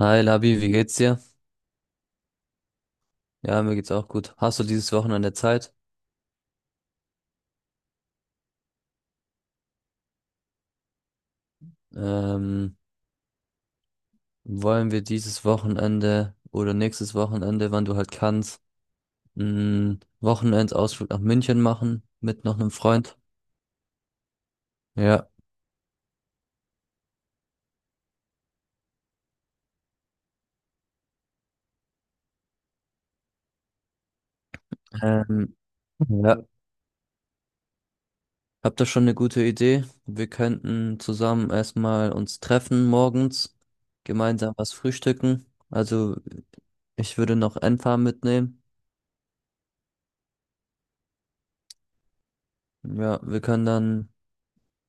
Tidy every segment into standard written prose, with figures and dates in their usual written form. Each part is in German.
Hi Labi, wie geht's dir? Ja, mir geht's auch gut. Hast du dieses Wochenende Zeit? Ähm, wollen wir dieses Wochenende oder nächstes Wochenende, wann du halt kannst, einen Wochenendausflug nach München machen mit noch einem Freund? Ja. Ähm, ja. Habt ihr schon eine gute Idee? Wir könnten zusammen erstmal uns treffen morgens, gemeinsam was frühstücken. Also ich würde noch Enfa mitnehmen. Ja, wir können dann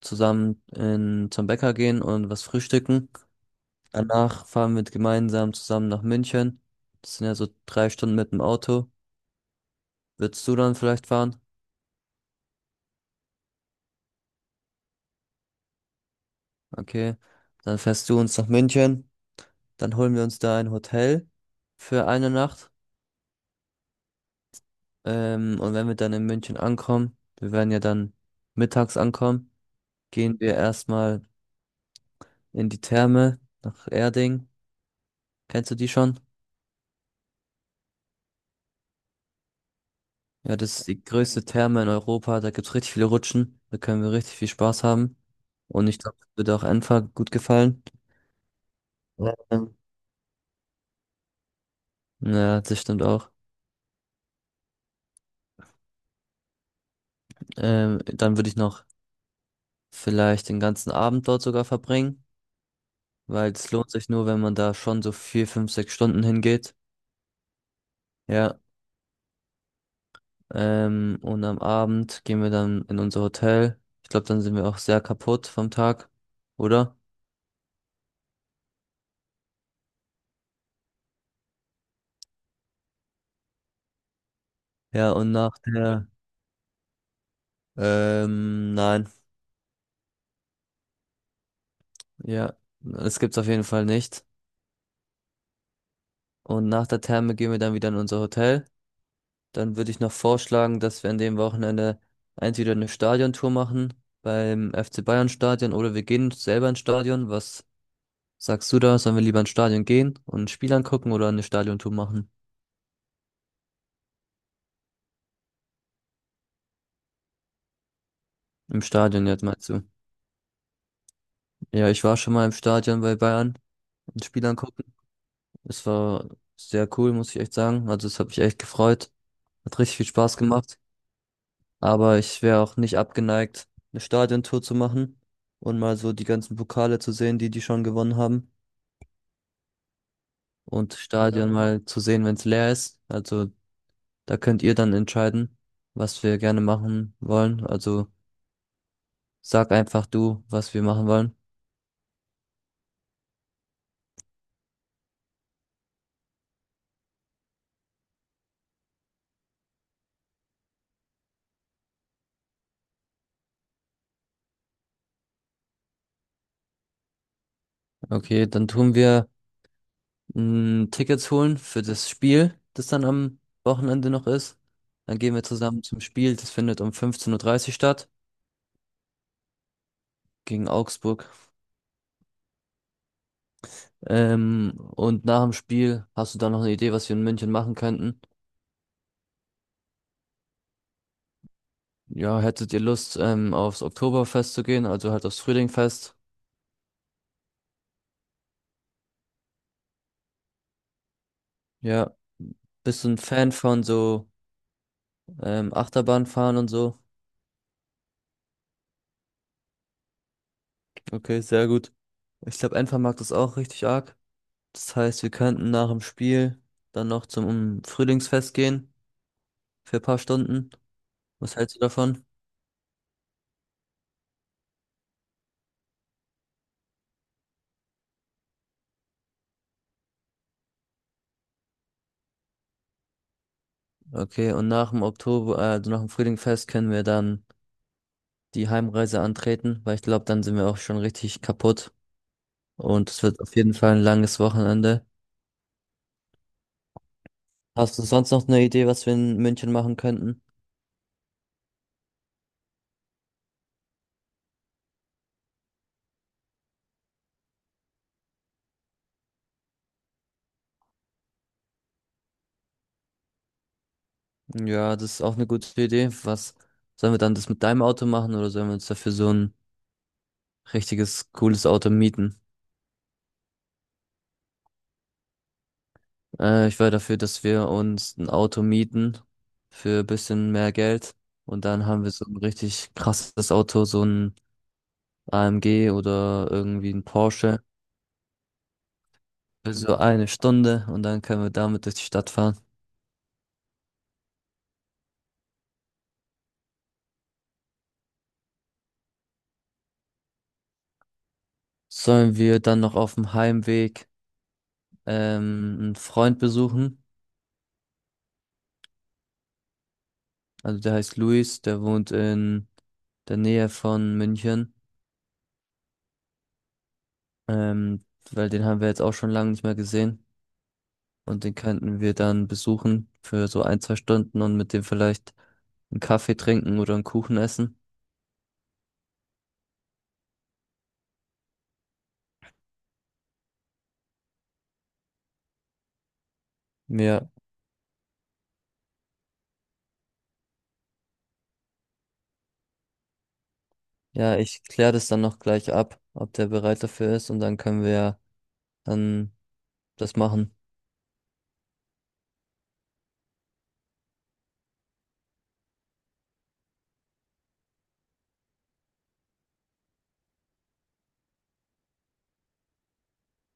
zusammen zum Bäcker gehen und was frühstücken. Danach fahren wir gemeinsam zusammen nach München. Das sind ja so 3 Stunden mit dem Auto. Würdest du dann vielleicht fahren? Okay. Dann fährst du uns nach München. Dann holen wir uns da ein Hotel für eine Nacht. Und wenn wir dann in München ankommen, wir werden ja dann mittags ankommen, gehen wir erstmal in die Therme nach Erding. Kennst du die schon? Ja, das ist die größte Therme in Europa. Da gibt's richtig viele Rutschen. Da können wir richtig viel Spaß haben. Und ich glaube, das wird auch Enfer gut gefallen. Ähm, Ja, das stimmt auch. Dann würde ich noch vielleicht den ganzen Abend dort sogar verbringen, weil es lohnt sich nur, wenn man da schon so 4, 5, 6 Stunden hingeht. Ja, und am Abend gehen wir dann in unser Hotel. Ich glaube, dann sind wir auch sehr kaputt vom Tag, oder? Ja, und nein. Ja, das gibt's auf jeden Fall nicht. Und nach der Therme gehen wir dann wieder in unser Hotel. Dann würde ich noch vorschlagen, dass wir an dem Wochenende entweder eine Stadiontour machen beim FC Bayern Stadion oder wir gehen selber ins Stadion. Was sagst du da? Sollen wir lieber ins Stadion gehen und ein Spiel angucken oder eine Stadiontour machen? Im Stadion jetzt meinst du? Ja, ich war schon mal im Stadion bei Bayern, ein Spiel angucken. Es war sehr cool, muss ich echt sagen. Also es hat mich echt gefreut. Hat richtig viel Spaß gemacht. Aber ich wäre auch nicht abgeneigt, eine Stadiontour zu machen und mal so die ganzen Pokale zu sehen, die die schon gewonnen haben und Stadion, ja, mal zu sehen, wenn es leer ist. Also da könnt ihr dann entscheiden, was wir gerne machen wollen. Also sag einfach du, was wir machen wollen. Okay, dann tun wir Tickets holen für das Spiel, das dann am Wochenende noch ist. Dann gehen wir zusammen zum Spiel. Das findet um 15:30 Uhr dreißig statt gegen Augsburg. Und nach dem Spiel hast du da noch eine Idee, was wir in München machen könnten? Ja, hättet ihr Lust, aufs Oktoberfest zu gehen, also halt aufs Frühlingfest? Ja. Bist du ein Fan von so Achterbahnfahren und so? Okay, sehr gut. Ich glaube, Enfer mag das auch richtig arg. Das heißt, wir könnten nach dem Spiel dann noch zum Frühlingsfest gehen für ein paar Stunden. Was hältst du davon? Okay, und also nach dem Frühlingsfest können wir dann die Heimreise antreten, weil ich glaube, dann sind wir auch schon richtig kaputt und es wird auf jeden Fall ein langes Wochenende. Hast du sonst noch eine Idee, was wir in München machen könnten? Ja, das ist auch eine gute Idee. Was sollen wir dann das mit deinem Auto machen oder sollen wir uns dafür so ein richtiges cooles Auto mieten? Ich wäre dafür, dass wir uns ein Auto mieten für ein bisschen mehr Geld und dann haben wir so ein richtig krasses Auto, so ein AMG oder irgendwie ein Porsche für so eine Stunde und dann können wir damit durch die Stadt fahren. Sollen wir dann noch auf dem Heimweg einen Freund besuchen? Also der heißt Luis, der wohnt in der Nähe von München. Ähm, weil den haben wir jetzt auch schon lange nicht mehr gesehen. Und den könnten wir dann besuchen für so ein, 2 Stunden und mit dem vielleicht einen Kaffee trinken oder einen Kuchen essen. Ja. Ja, ich kläre das dann noch gleich ab, ob der bereit dafür ist und dann können wir ja dann das machen.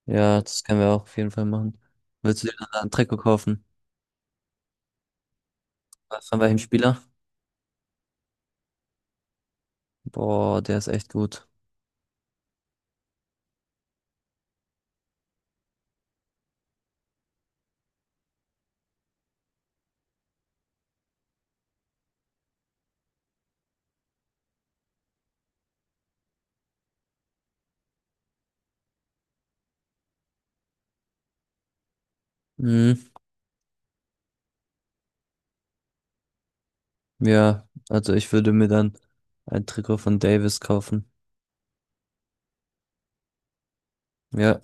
Ja, das können wir auch auf jeden Fall machen. Willst du dir dann einen Trikot kaufen? Was von welchem Spieler? Boah, der ist echt gut. Mhm, ja, also ich würde mir dann ein Trikot von Davis kaufen. Ja,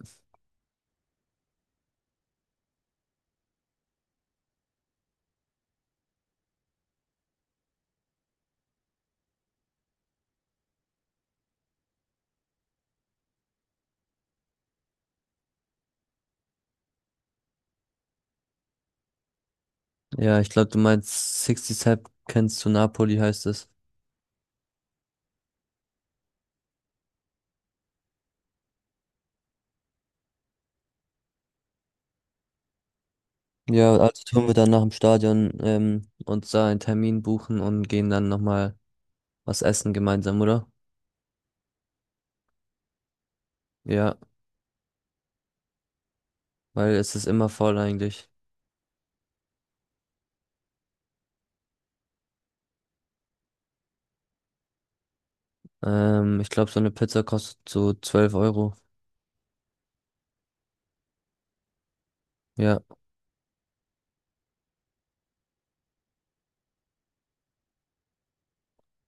ja, ich glaube, du meinst 60 Sepp kennst du Napoli, heißt es. Ja, also tun wir dann nach dem Stadion uns da einen Termin buchen und gehen dann nochmal was essen gemeinsam, oder? Ja, weil es ist immer voll eigentlich. Ich glaube, so eine Pizza kostet so 12 Euro. Ja.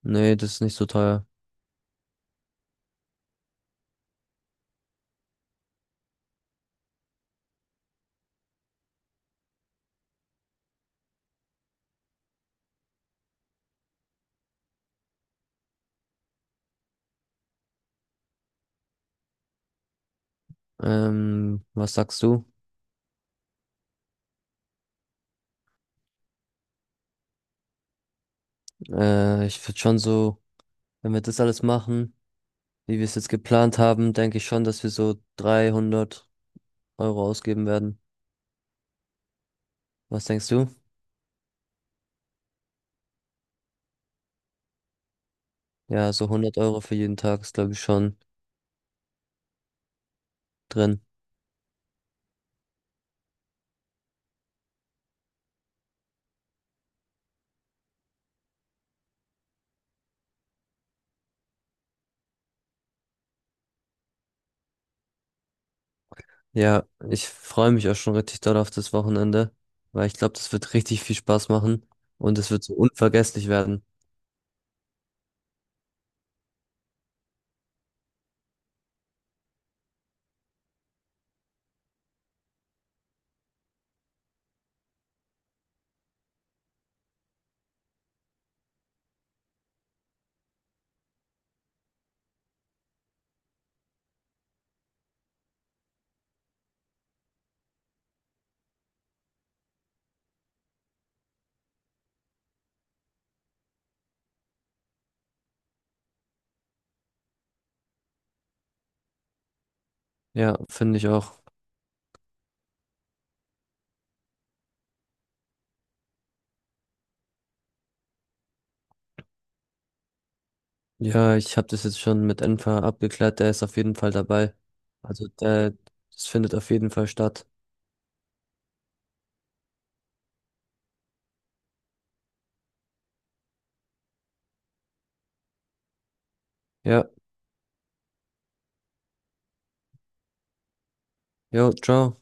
Nee, das ist nicht so teuer. Was sagst du? Ich würde schon so, wenn wir das alles machen, wie wir es jetzt geplant haben, denke ich schon, dass wir so 300 € ausgeben werden. Was denkst du? Ja, so 100 € für jeden Tag ist, glaube ich, schon drin. Ja, ich freue mich auch schon richtig doll auf das Wochenende, weil ich glaube, das wird richtig viel Spaß machen und es wird so unvergesslich werden. Ja, finde ich auch. Ja, ich habe das jetzt schon mit Enfer abgeklärt, der ist auf jeden Fall dabei. Also der, das findet auf jeden Fall statt. Ja, jo, ciao.